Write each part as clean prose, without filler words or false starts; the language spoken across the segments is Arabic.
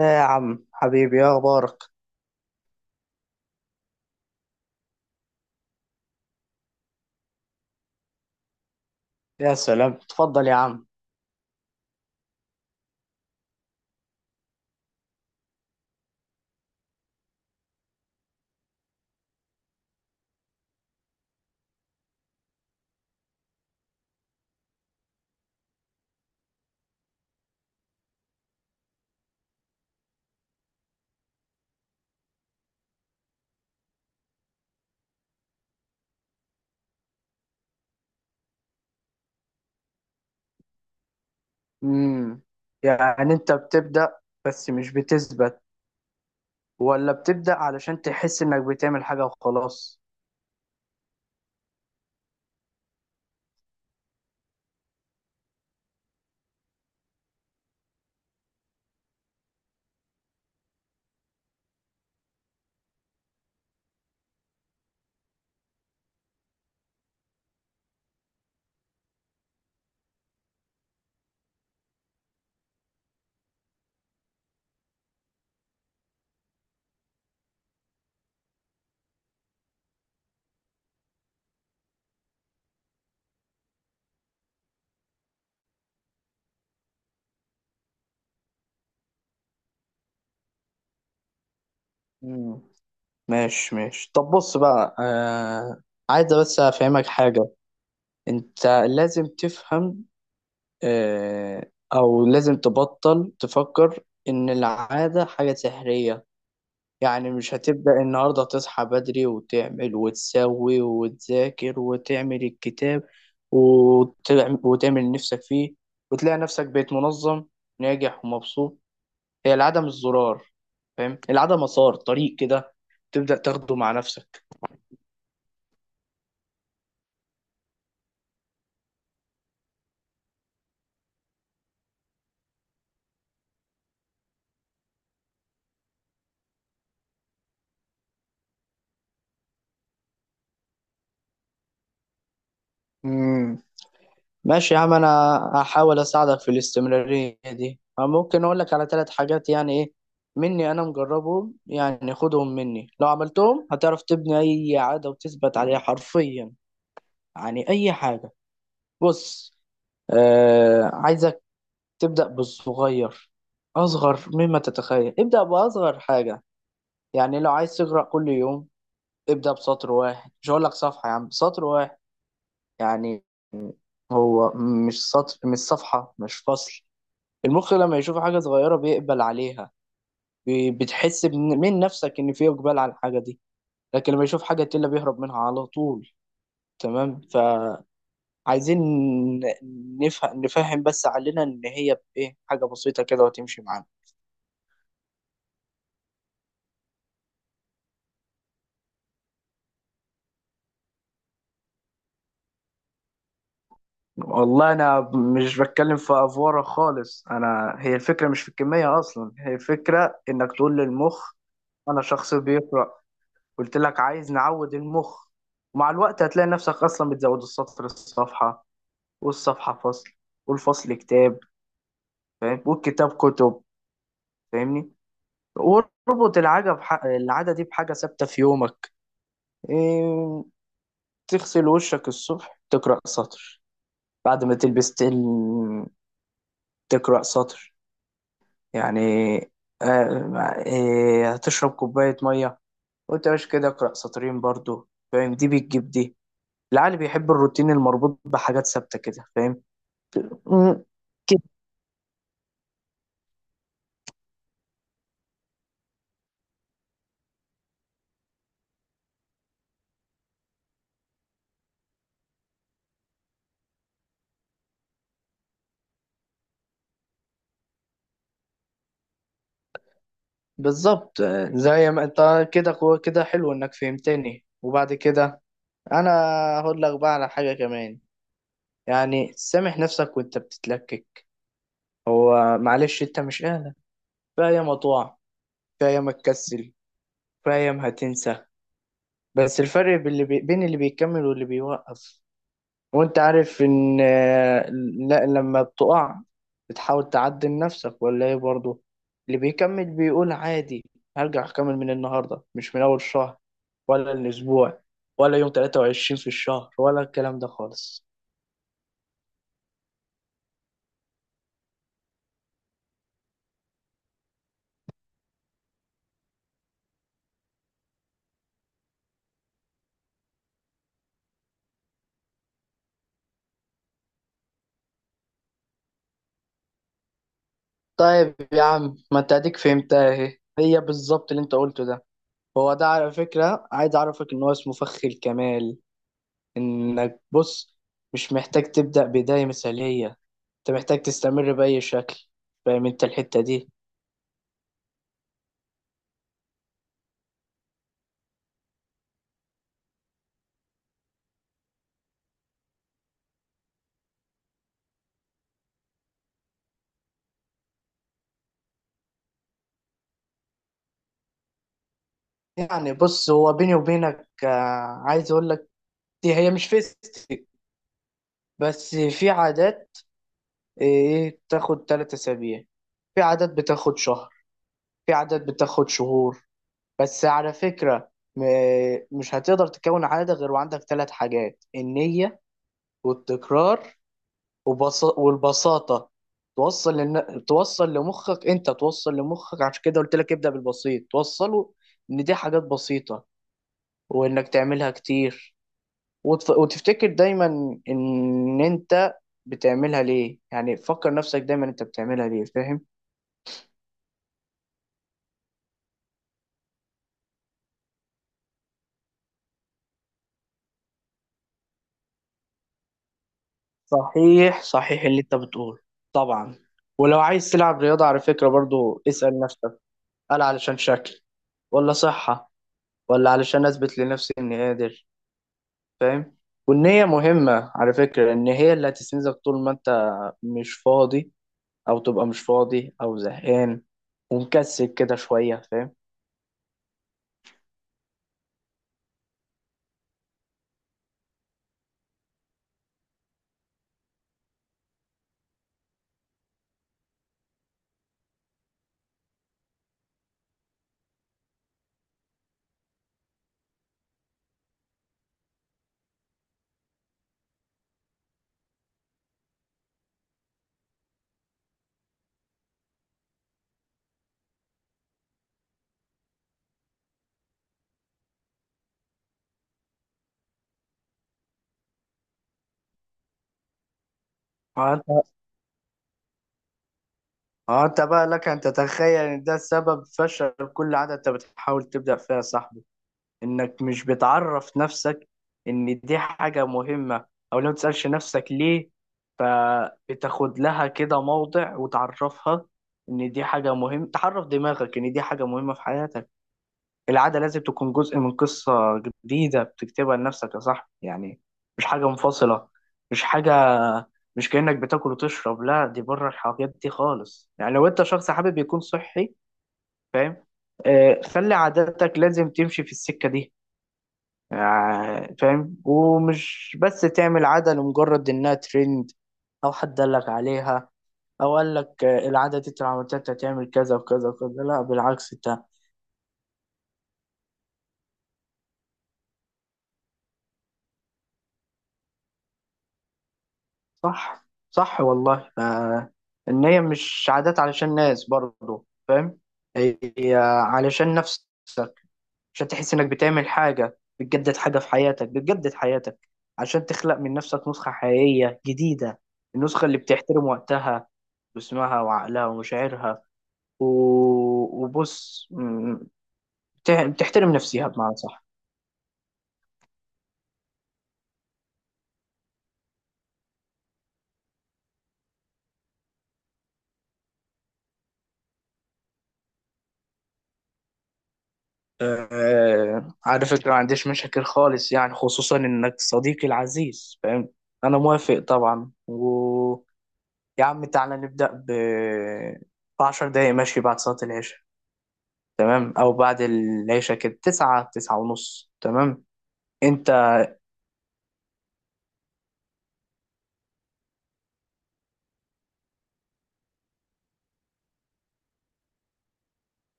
يا عم حبيبي، يا اخبارك. يا سلام، اتفضل يا عم. امم يعني انت بتبدأ، بس مش بتثبت، ولا بتبدأ علشان تحس انك بتعمل حاجة وخلاص؟ امم ماشي ماشي، طب بص بقى، عايز بس افهمك حاجة. انت لازم تفهم، او لازم تبطل تفكر ان العادة حاجة سحرية. يعني مش هتبدأ النهاردة تصحى بدري وتعمل وتسوي وتذاكر وتعمل الكتاب وتعمل نفسك فيه، وتلاقي نفسك بقيت منظم، ناجح ومبسوط. هي العدم الزرار، فاهم؟ العدم مسار طريق كده تبدأ تاخده مع نفسك. مم. ماشي يا عم، انا هحاول اساعدك في الاستمرارية دي. ممكن اقول لك على 3 حاجات يعني، ايه؟ مني انا، مجربهم يعني، خدهم مني. لو عملتهم هتعرف تبني اي عادة وتثبت عليها حرفيا، يعني اي حاجة. بص، عايزك تبدأ بالصغير، اصغر مما تتخيل. ابدأ باصغر حاجة. يعني لو عايز تقرأ كل يوم، ابدأ بسطر واحد. مش هقول لك صفحة يا عم، سطر واحد يعني. هو مش سطر، مش صفحة، مش فصل. المخ لما يشوف حاجة صغيرة بيقبل عليها. بتحس من نفسك إن في إقبال على الحاجة دي. لكن لما يشوف حاجة تقيلة بيهرب منها على طول، تمام؟ فعايزين نفهم بس علينا إن هي إيه حاجة بسيطة كده وتمشي معانا. والله أنا مش بتكلم في أفوارة خالص. أنا، هي الفكرة مش في الكمية أصلا، هي الفكرة إنك تقول للمخ أنا شخص بيقرأ. قلت لك عايز نعود المخ، ومع الوقت هتلاقي نفسك أصلا بتزود السطر الصفحة، والصفحة فصل، والفصل كتاب، فاهم؟ والكتاب كتب، فاهمني؟ واربط العادة دي بحاجة ثابتة في يومك. إيه... تغسل وشك الصبح تقرأ سطر، بعد ما تلبس تقرأ سطر. يعني هتشرب كوباية مية وانت مش كده اقرأ سطرين برضو، فاهم؟ دي بتجيب دي. العقل بيحب الروتين المربوط بحاجات ثابتة كده، فاهم؟ بالظبط، زي ما انت كده قوة كده. حلو انك فهمتني. وبعد كده انا هقول لك بقى على حاجة كمان، يعني سامح نفسك وانت بتتلكك. هو معلش، انت مش اهلك. في ايام هتقع، في ايام هتكسل، في ايام هتنسى. بس الفرق بين اللي بيكمل واللي بيوقف، وانت عارف ان لا، لما بتقع بتحاول تعدل نفسك ولا ايه برضه؟ اللي بيكمل بيقول عادي، هرجع اكمل من النهارده، مش من اول الشهر ولا الاسبوع ولا يوم 23 في الشهر ولا الكلام ده خالص. طيب يا عم، ما انت اديك فهمتها اهي، هي بالظبط اللي انت قلته ده. هو ده، على فكرة، عايز اعرفك ان هو اسمه فخ الكمال. انك، بص، مش محتاج تبدأ بداية مثالية، انت محتاج تستمر بأي شكل. فاهم انت الحتة دي؟ يعني بص، هو بيني وبينك عايز اقول لك، دي هي مش فيستك. بس في عادات ايه بتاخد 3 اسابيع، في عادات بتاخد شهر، في عادات بتاخد شهور. بس على فكرة، مش هتقدر تكون عادة غير وعندك 3 حاجات: النية، والتكرار، والبساطة. توصل لن... توصل لمخك، انت توصل لمخك. عشان كده قلت لك ابدأ بالبسيط، توصله ان دي حاجات بسيطة، وانك تعملها كتير، وتفتكر دايما ان انت بتعملها ليه. يعني فكر نفسك دايما انت بتعملها ليه، فاهم؟ صحيح صحيح اللي انت بتقول، طبعا. ولو عايز تلعب رياضة، على فكرة برضو اسأل نفسك: هل علشان شكل، ولا صحة، ولا علشان اثبت لنفسي اني قادر؟ فاهم؟ والنية مهمة على فكرة، إن هي اللي هتستنزف طول ما أنت مش فاضي، أو تبقى مش فاضي أو زهقان ومكسل كده شوية، فاهم؟ فأنت بقى لك أن تتخيل إن ده سبب فشل كل عادة أنت بتحاول تبدأ فيها يا صاحبي، إنك مش بتعرف نفسك إن دي حاجة مهمة. أو لو متسألش نفسك ليه، فبتاخد لها كده موضع وتعرفها إن دي حاجة مهمة، تعرف دماغك إن دي حاجة مهمة في حياتك. العادة لازم تكون جزء من قصة جديدة بتكتبها لنفسك يا صاحبي، يعني مش حاجة منفصلة، مش حاجة، مش كأنك بتاكل وتشرب. لا، دي بره الحاجات دي خالص. يعني لو انت شخص حابب يكون صحي، فاهم؟ خلي عاداتك لازم تمشي في السكة دي. فاهم؟ ومش بس تعمل عادة لمجرد انها ترند، او حد قالك عليها، او قالك العادة دي انت لو عملتها انت هتعمل كذا وكذا وكذا. لا، بالعكس انت. صح صح والله، ان هي مش عادات علشان ناس برضه، فاهم؟ هي علشان نفسك، عشان تحس انك بتعمل حاجة بتجدد حاجة في حياتك، بتجدد حياتك، عشان تخلق من نفسك نسخة حقيقية جديدة. النسخة اللي بتحترم وقتها واسمها وعقلها ومشاعرها، و... وبص، بتحترم نفسها بمعنى صح. على فكرة ما عنديش مشاكل خالص يعني، خصوصا إنك صديقي العزيز، فاهم؟ أنا موافق طبعا. ويا عم تعالى نبدأ بـ10 دقايق، ماشي؟ بعد صلاة العشاء، تمام؟ أو بعد العشاء كده، 9 9:30، تمام؟ أنت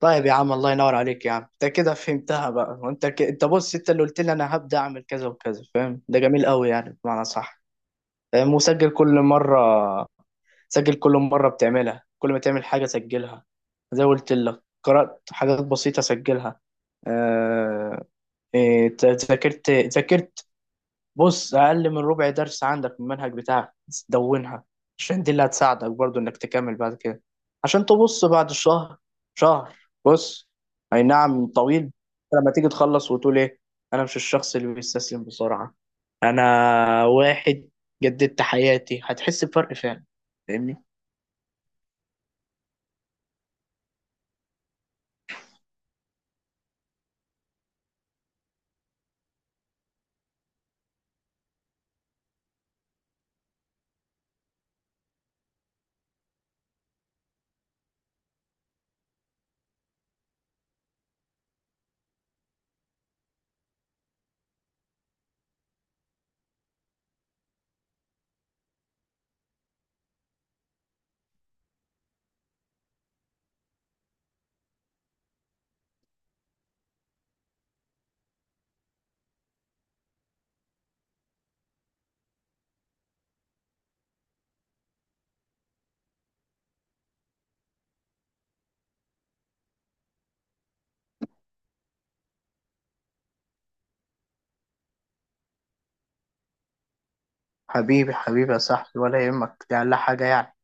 طيب يا عم، الله ينور عليك يا عم. أنت كده فهمتها بقى، وأنت أنت بص، أنت اللي قلت لي أنا هبدأ أعمل كذا وكذا، فاهم؟ ده جميل قوي يعني، بمعنى صح. مسجل كل مرة، سجل كل مرة بتعملها، كل ما تعمل حاجة سجلها. زي ما قلت لك، قرأت حاجات بسيطة سجلها. آه... ذاكرت. بص، أقل من ربع درس عندك من المنهج بتاعك، دونها. عشان دي اللي هتساعدك برضو إنك تكمل بعد كده، عشان تبص بعد شهر، شهر، بص، أي نعم، طويل. لما تيجي تخلص وتقول: إيه؟ أنا مش الشخص اللي بيستسلم بسرعة. أنا واحد جددت حياتي، هتحس بفرق فعلا، فاهمني؟ حبيبي حبيبي يا صاحبي، ولا يهمك، دي أقل حاجة يعني.